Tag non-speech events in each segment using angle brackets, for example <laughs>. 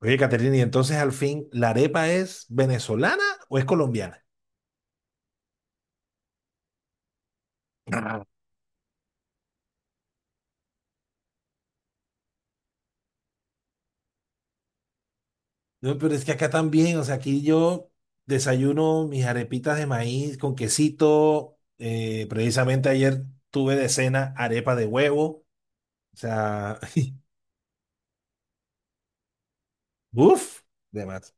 Oye, Caterina, y entonces al fin, ¿la arepa es venezolana o es colombiana? Ah. No, pero es que acá también, o sea, aquí yo desayuno mis arepitas de maíz con quesito. Precisamente ayer tuve de cena arepa de huevo. O sea, <laughs> uff, demás.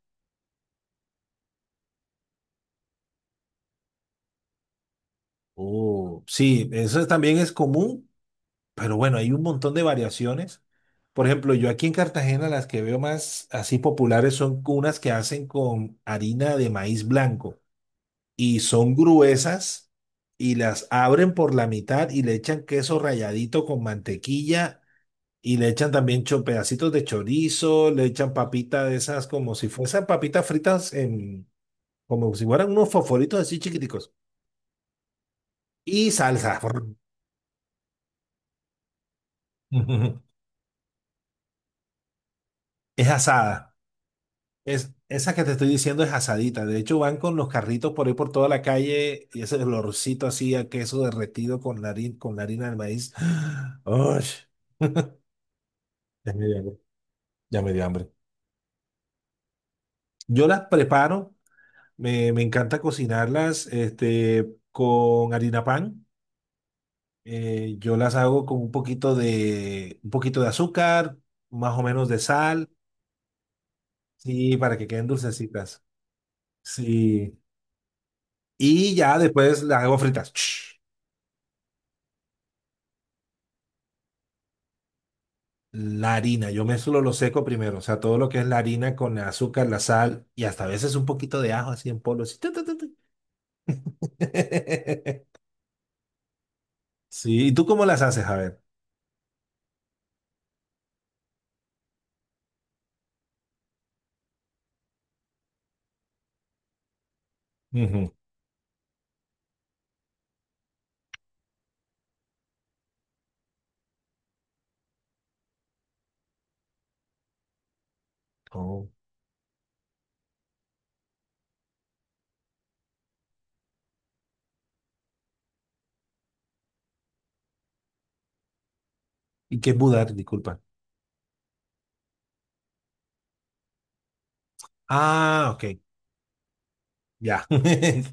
Oh sí, eso también es común, pero bueno, hay un montón de variaciones. Por ejemplo, yo aquí en Cartagena las que veo más así populares son unas que hacen con harina de maíz blanco, y son gruesas y las abren por la mitad y le echan queso ralladito con mantequilla y le echan también pedacitos de chorizo, le echan papita de esas como si fuesen papitas fritas en, como si fueran unos fosforitos así chiquiticos y salsa. <laughs> Es asada. Esa que te estoy diciendo es asadita. De hecho, van con los carritos por ahí por toda la calle y ese olorcito así a queso derretido con la harina del maíz. <gasps> ¡Ush! <laughs> Es medio. Ya me dio hambre. Yo las preparo, me encanta cocinarlas este, con harina pan. Yo las hago con un poquito de azúcar, más o menos de sal, sí, para que queden dulcecitas. Sí. Y ya después las hago fritas. Ch, la harina, yo mezclo lo seco primero, o sea, todo lo que es la harina con el azúcar, la sal y hasta a veces un poquito de ajo así en polvo. Así, tu, tu, tu, tu. <laughs> Sí, ¿y tú cómo las haces? A ver. Ujú. Oh. ¿Y qué es mudar? Disculpa. Ah, ok, ya. <laughs>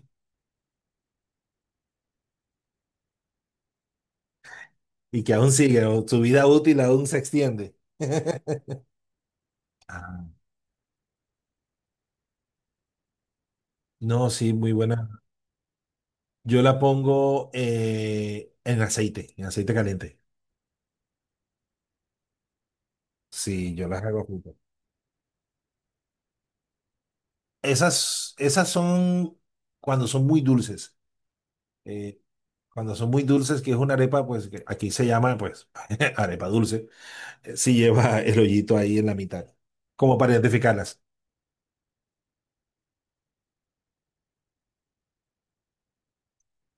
Y que aún sigue, o su vida útil aún se extiende. <laughs> Ah, no, sí, muy buena. Yo la pongo en aceite caliente. Sí, yo las hago juntas. Esas, esas son cuando son muy dulces. Eh, Cuando son muy dulces, que es una arepa, pues que aquí se llama, pues, <laughs> arepa dulce. Si lleva el hoyito ahí en la mitad, como para identificarlas.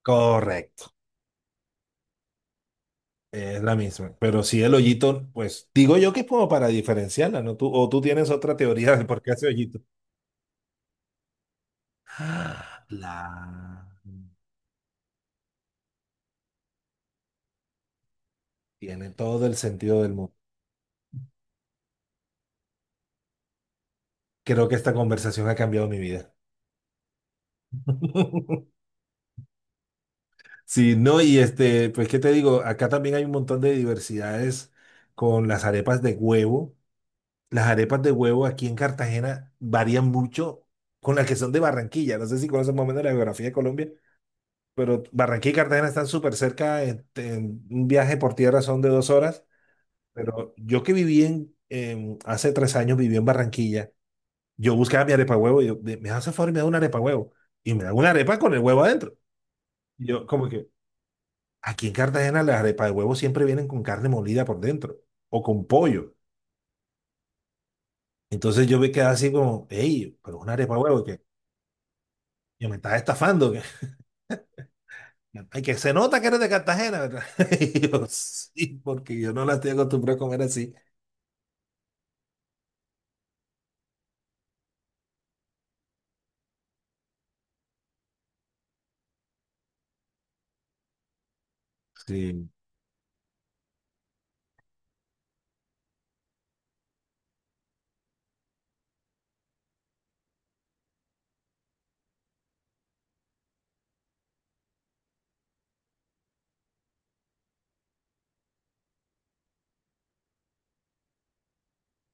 Correcto. Es la misma. Pero sí, el hoyito, pues digo yo que es como para diferenciarla, ¿no? Tú, o tú tienes otra teoría del por qué hace hoyito. Ah, la... Tiene todo el sentido del mundo. Creo que esta conversación ha cambiado mi vida. <laughs> Sí, no, y este, pues qué te digo, acá también hay un montón de diversidades con las arepas de huevo. Las arepas de huevo aquí en Cartagena varían mucho con las que son de Barranquilla. No sé si conoces más o menos la geografía de Colombia, pero Barranquilla y Cartagena están súper cerca, este, en un viaje por tierra son de 2 horas, pero yo que viví en, hace 3 años viví en Barranquilla, yo buscaba mi arepa huevo, y yo, me hace favor y me da una arepa huevo, y me da una arepa con el huevo adentro. Y yo como que, aquí en Cartagena las arepas de huevo siempre vienen con carne molida por dentro, o con pollo. Entonces yo me quedé así como, hey, pero una arepa de huevo, que yo me estaba estafando, que, ay, que se nota que eres de Cartagena, ¿verdad? <laughs> Y yo, sí, porque yo no la estoy acostumbrado a comer así. Sí.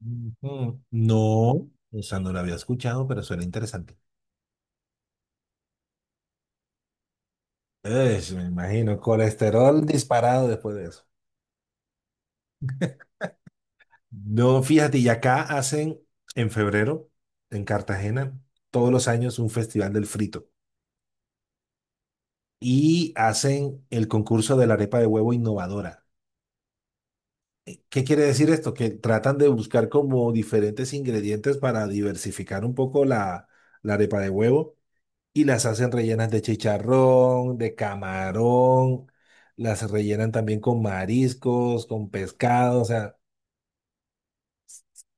Ujú. No, o sea, no lo había escuchado, pero suena interesante. Es, me imagino, colesterol disparado después de eso. No, fíjate, y acá hacen en febrero, en Cartagena, todos los años un festival del frito. Y hacen el concurso de la arepa de huevo innovadora. ¿Qué quiere decir esto? Que tratan de buscar como diferentes ingredientes para diversificar un poco la, la arepa de huevo. Y las hacen rellenas de chicharrón, de camarón, las rellenan también con mariscos, con pescado, o sea,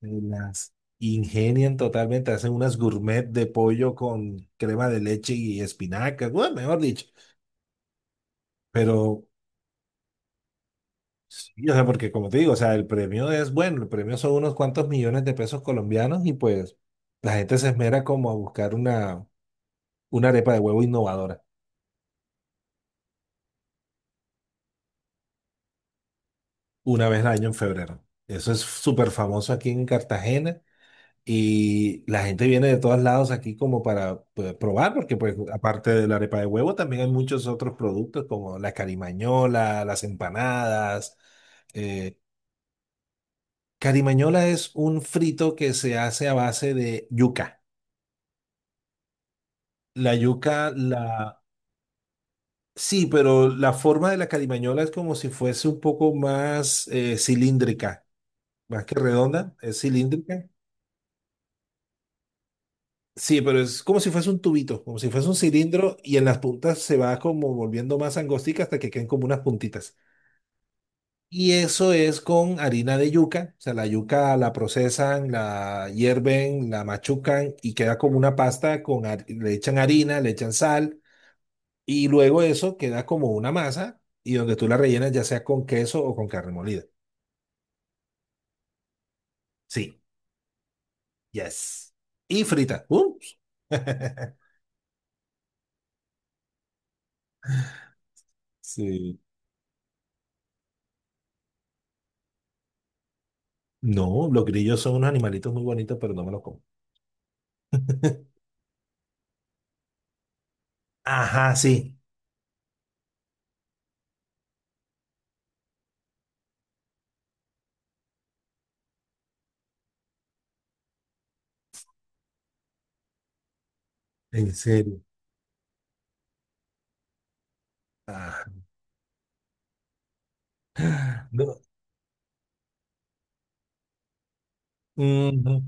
las ingenian totalmente, hacen unas gourmet de pollo con crema de leche y espinacas, bueno, mejor dicho, pero sí, o sea, porque como te digo, o sea, el premio es bueno, el premio son unos cuantos millones de pesos colombianos y pues la gente se esmera como a buscar una arepa de huevo innovadora una vez al año en febrero. Eso es súper famoso aquí en Cartagena. Y la gente viene de todos lados aquí como para pues, probar, porque pues aparte de la arepa de huevo también hay muchos otros productos como la carimañola, las empanadas. Eh, Carimañola es un frito que se hace a base de yuca. La yuca, la... Sí, pero la forma de la carimañola es como si fuese un poco más cilíndrica, más que redonda, es cilíndrica. Sí, pero es como si fuese un tubito, como si fuese un cilindro y en las puntas se va como volviendo más angostica hasta que queden como unas puntitas. Y eso es con harina de yuca, o sea, la yuca la procesan, la hierven, la machucan y queda como una pasta con, le echan harina, le echan sal y luego eso queda como una masa y donde tú la rellenas ya sea con queso o con carne molida. Sí, yes. Y frita. ¡Uh! <laughs> Sí. No, los grillos son unos animalitos muy bonitos, pero no me los como. Ajá, sí, en serio. Ajá. No, ujú.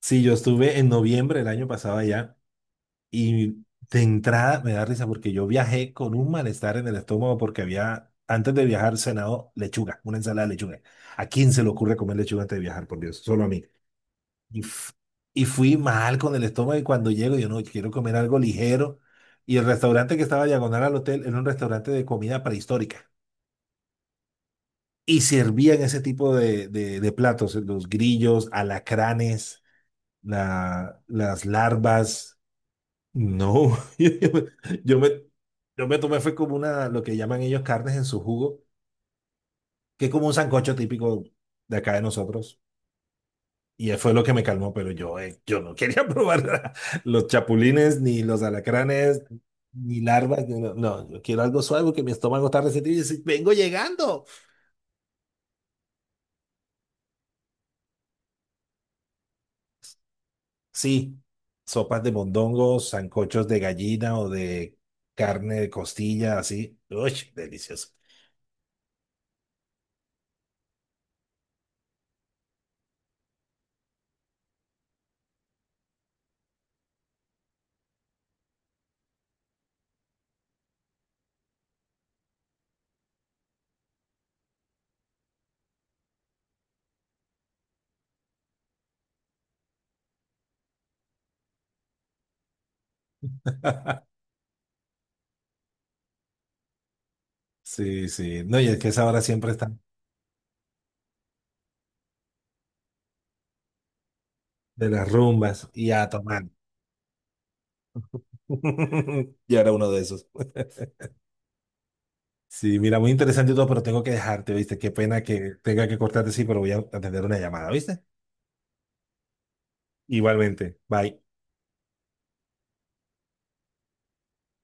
Sí, yo estuve en noviembre del año pasado allá y de entrada me da risa porque yo viajé con un malestar en el estómago porque había, antes de viajar, cenado lechuga, una ensalada de lechuga. ¿A quién se le ocurre comer lechuga antes de viajar, por Dios? Solo a mí. Y, y fui mal con el estómago y cuando llego yo no, quiero comer algo ligero. Y el restaurante que estaba diagonal al hotel era un restaurante de comida prehistórica, y servían ese tipo de, de platos, los grillos, alacranes, las larvas. No, <laughs> yo me, yo me yo me tomé, fue como una, lo que llaman ellos carnes en su jugo, que es como un sancocho típico de acá de nosotros. Y fue lo que me calmó, pero yo, yo no quería <laughs> probar los chapulines, ni los alacranes, ni larvas. No, no, yo quiero algo suave porque mi estómago está resentido y dice, vengo llegando. Sí, sopas de mondongos, sancochos de gallina o de carne de costilla, así. Uy, delicioso. <laughs> Sí, sí. No, y es que esa hora siempre están de las rumbas y a tomar. <laughs> Y era uno de esos. <laughs> Sí, mira, muy interesante y todo, pero tengo que dejarte, ¿viste? Qué pena que tenga que cortarte, sí, pero voy a atender una llamada, ¿viste? Igualmente. Bye.